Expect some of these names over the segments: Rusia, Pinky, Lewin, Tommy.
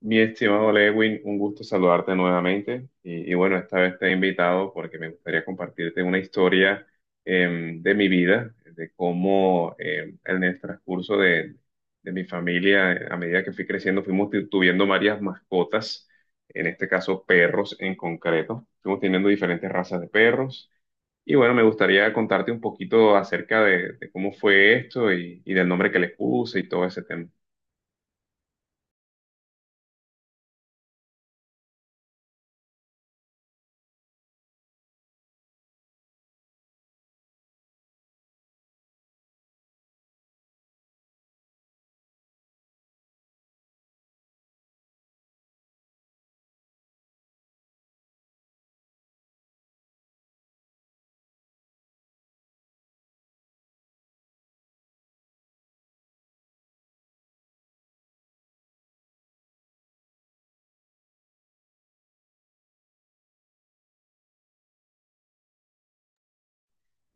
Mi estimado Lewin, un gusto saludarte nuevamente. Y bueno, esta vez te he invitado porque me gustaría compartirte una historia de mi vida, de cómo en el transcurso de mi familia, a medida que fui creciendo, fuimos tuviendo varias mascotas, en este caso perros en concreto. Fuimos teniendo diferentes razas de perros. Y bueno, me gustaría contarte un poquito acerca de cómo fue esto y del nombre que les puse y todo ese tema.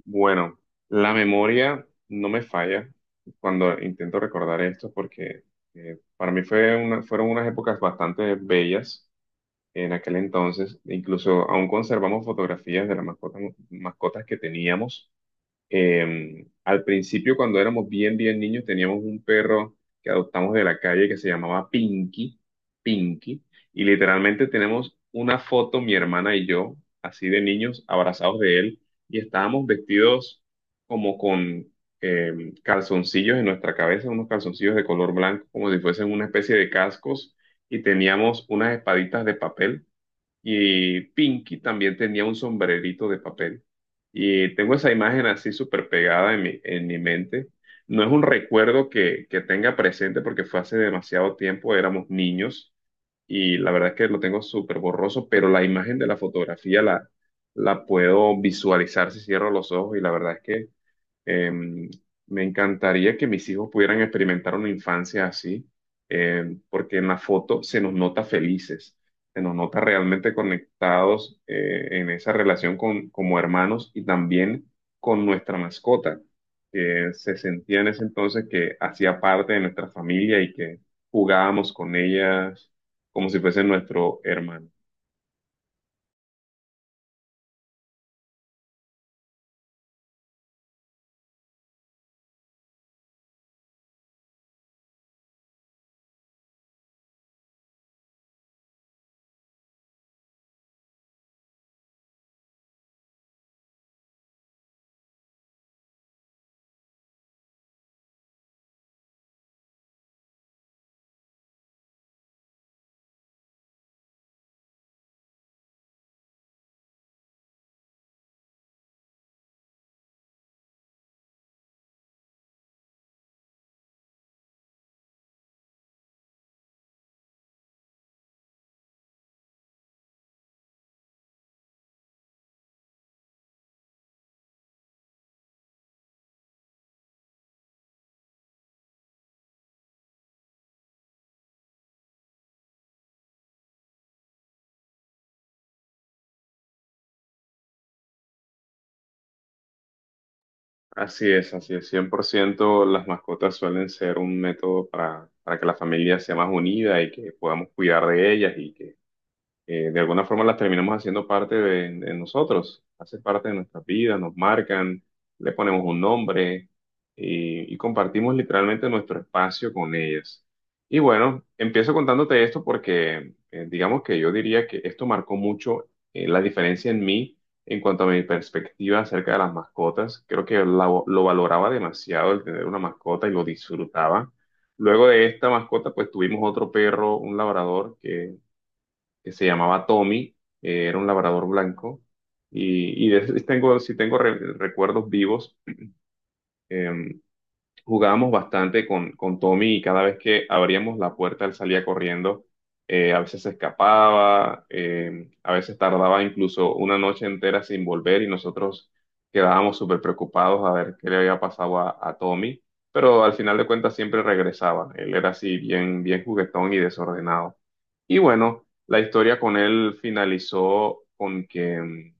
Bueno, la memoria no me falla cuando intento recordar esto porque para mí fueron unas épocas bastante bellas en aquel entonces. Incluso aún conservamos fotografías de las mascotas, mascotas que teníamos. Al principio, cuando éramos bien, bien niños, teníamos un perro que adoptamos de la calle que se llamaba Pinky, Pinky, y literalmente tenemos una foto, mi hermana y yo, así de niños, abrazados de él, y estábamos vestidos como con calzoncillos en nuestra cabeza, unos calzoncillos de color blanco, como si fuesen una especie de cascos, y teníamos unas espaditas de papel y Pinky también tenía un sombrerito de papel. Y tengo esa imagen así súper pegada en mi mente. No es un recuerdo que tenga presente porque fue hace demasiado tiempo, éramos niños y la verdad es que lo tengo súper borroso, pero la imagen de la fotografía la puedo visualizar si cierro los ojos y la verdad es que Em, me encantaría que mis hijos pudieran experimentar una infancia así, porque en la foto se nos nota felices, se nos nota realmente conectados en esa relación con, como hermanos y también con nuestra mascota, que se sentía en ese entonces que hacía parte de nuestra familia y que jugábamos con ellas como si fuese nuestro hermano. Así es, así es, 100%. Las mascotas suelen ser un método para que la familia sea más unida y que podamos cuidar de ellas y que de alguna forma las terminamos haciendo parte de nosotros, hace parte de nuestras vidas, nos marcan, le ponemos un nombre y compartimos literalmente nuestro espacio con ellas. Y bueno, empiezo contándote esto porque digamos que yo diría que esto marcó mucho la diferencia en mí en cuanto a mi perspectiva acerca de las mascotas. Creo que lo valoraba demasiado el tener una mascota y lo disfrutaba. Luego de esta mascota, pues tuvimos otro perro, un labrador, que se llamaba Tommy, era un labrador blanco, y tengo, si tengo recuerdos vivos, eh, jugábamos bastante con Tommy y cada vez que abríamos la puerta él salía corriendo, a veces se escapaba, a veces tardaba incluso una noche entera sin volver y nosotros quedábamos súper preocupados a ver qué le había pasado a Tommy, pero al final de cuentas siempre regresaba, él era así bien, bien juguetón y desordenado. Y bueno, la historia con él finalizó con que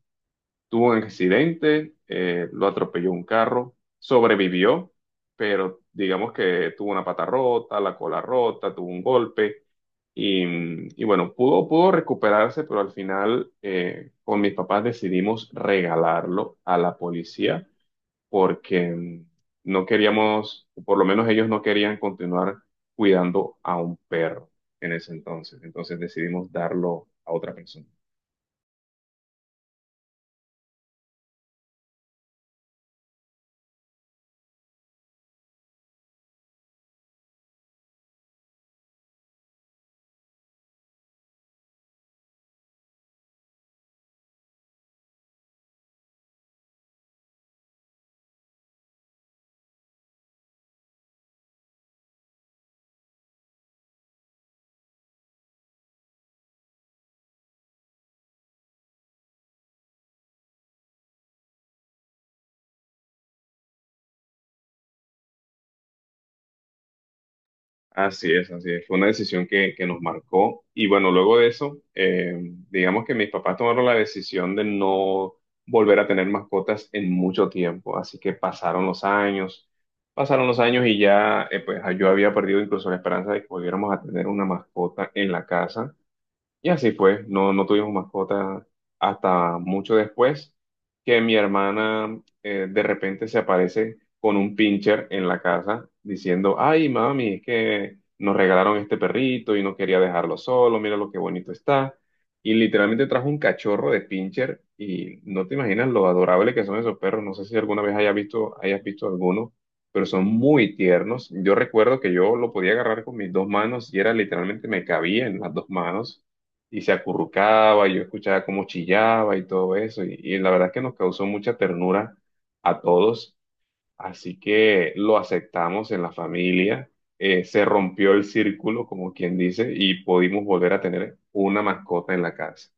tuvo un accidente, lo atropelló un carro, sobrevivió, pero digamos que tuvo una pata rota, la cola rota, tuvo un golpe y, y bueno, pudo recuperarse, pero al final con mis papás decidimos regalarlo a la policía porque no queríamos, o por lo menos ellos no querían continuar cuidando a un perro en ese entonces. Entonces decidimos darlo a otra persona. Así es, así es. Fue una decisión que nos marcó. Y bueno, luego de eso, digamos que mis papás tomaron la decisión de no volver a tener mascotas en mucho tiempo. Así que pasaron los años y ya, pues yo había perdido incluso la esperanza de que volviéramos a tener una mascota en la casa. Y así fue, no tuvimos mascota hasta mucho después que mi hermana de repente se aparece con un pincher en la casa diciendo, ay mami, es que nos regalaron este perrito y no quería dejarlo solo, mira lo que bonito está. Y literalmente trajo un cachorro de pincher y no te imaginas lo adorable que son esos perros. No sé si alguna vez hayas visto alguno, pero son muy tiernos. Yo recuerdo que yo lo podía agarrar con mis dos manos y era literalmente me cabía en las dos manos y se acurrucaba, y yo escuchaba cómo chillaba y todo eso, y la verdad es que nos causó mucha ternura a todos, así que lo aceptamos en la familia, se rompió el círculo, como quien dice, y pudimos volver a tener una mascota en la casa.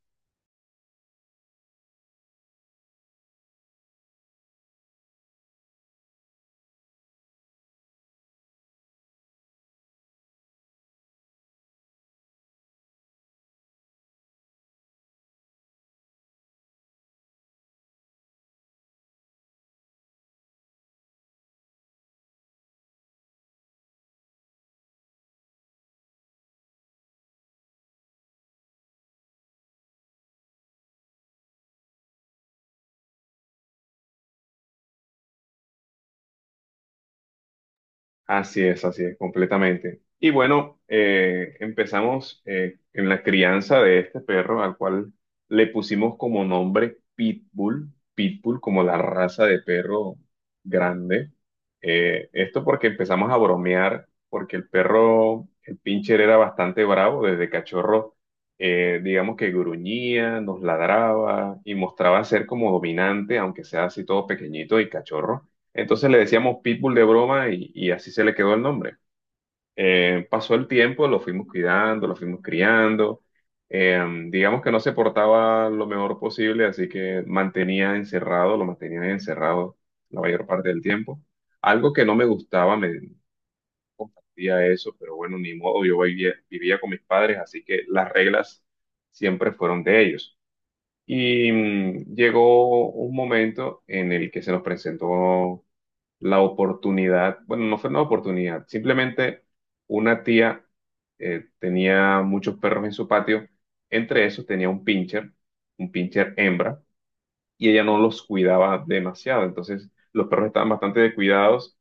Así es, completamente. Y bueno, empezamos en la crianza de este perro, al cual le pusimos como nombre Pitbull, Pitbull como la raza de perro grande. Esto porque empezamos a bromear, porque el perro, el pincher era bastante bravo desde cachorro, digamos que gruñía, nos ladraba y mostraba ser como dominante, aunque sea así todo pequeñito y cachorro. Entonces le decíamos Pitbull de broma y así se le quedó el nombre. Pasó el tiempo, lo fuimos cuidando, lo fuimos criando. Eh, digamos que no se portaba lo mejor posible, así que mantenía encerrado, lo mantenía encerrado la mayor parte del tiempo. Algo que no me gustaba, me compartía eso, pero bueno, ni modo, yo vivía, vivía con mis padres, así que las reglas siempre fueron de ellos. Y llegó un momento en el que se nos presentó la oportunidad, bueno, no fue una oportunidad, simplemente una tía tenía muchos perros en su patio, entre esos tenía un pincher hembra, y ella no los cuidaba demasiado, entonces los perros estaban bastante descuidados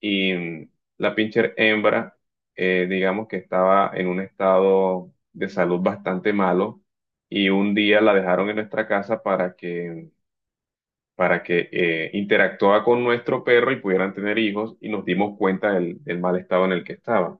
y la pincher hembra, digamos que estaba en un estado de salud bastante malo y un día la dejaron en nuestra casa para que interactuaba con nuestro perro y pudieran tener hijos y nos dimos cuenta del mal estado en el que estaba.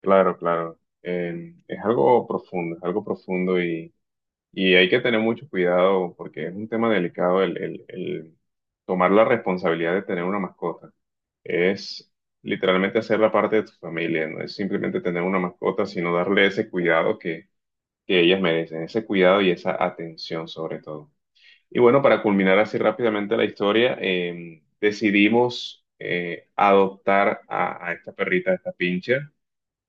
Claro, claro. Es algo profundo, es algo profundo y hay que tener mucho cuidado porque es un tema delicado el tomar la responsabilidad de tener una mascota. Es literalmente hacerla parte de tu familia, no es simplemente tener una mascota, sino darle ese cuidado que ellas merecen, ese cuidado y esa atención sobre todo. Y bueno, para culminar así rápidamente la historia, decidimos adoptar a esta perrita, a esta pincher.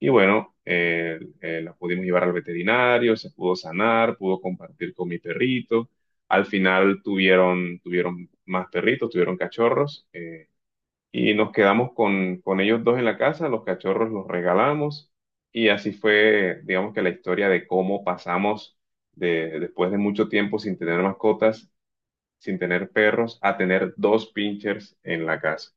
Y bueno, la pudimos llevar al veterinario, se pudo sanar, pudo compartir con mi perrito. Al final tuvieron, tuvieron más perritos, tuvieron cachorros. Y nos quedamos con ellos dos en la casa, los cachorros los regalamos. Y así fue, digamos que la historia de cómo pasamos de, después de mucho tiempo sin tener mascotas sin tener perros a tener dos pinchers en la casa.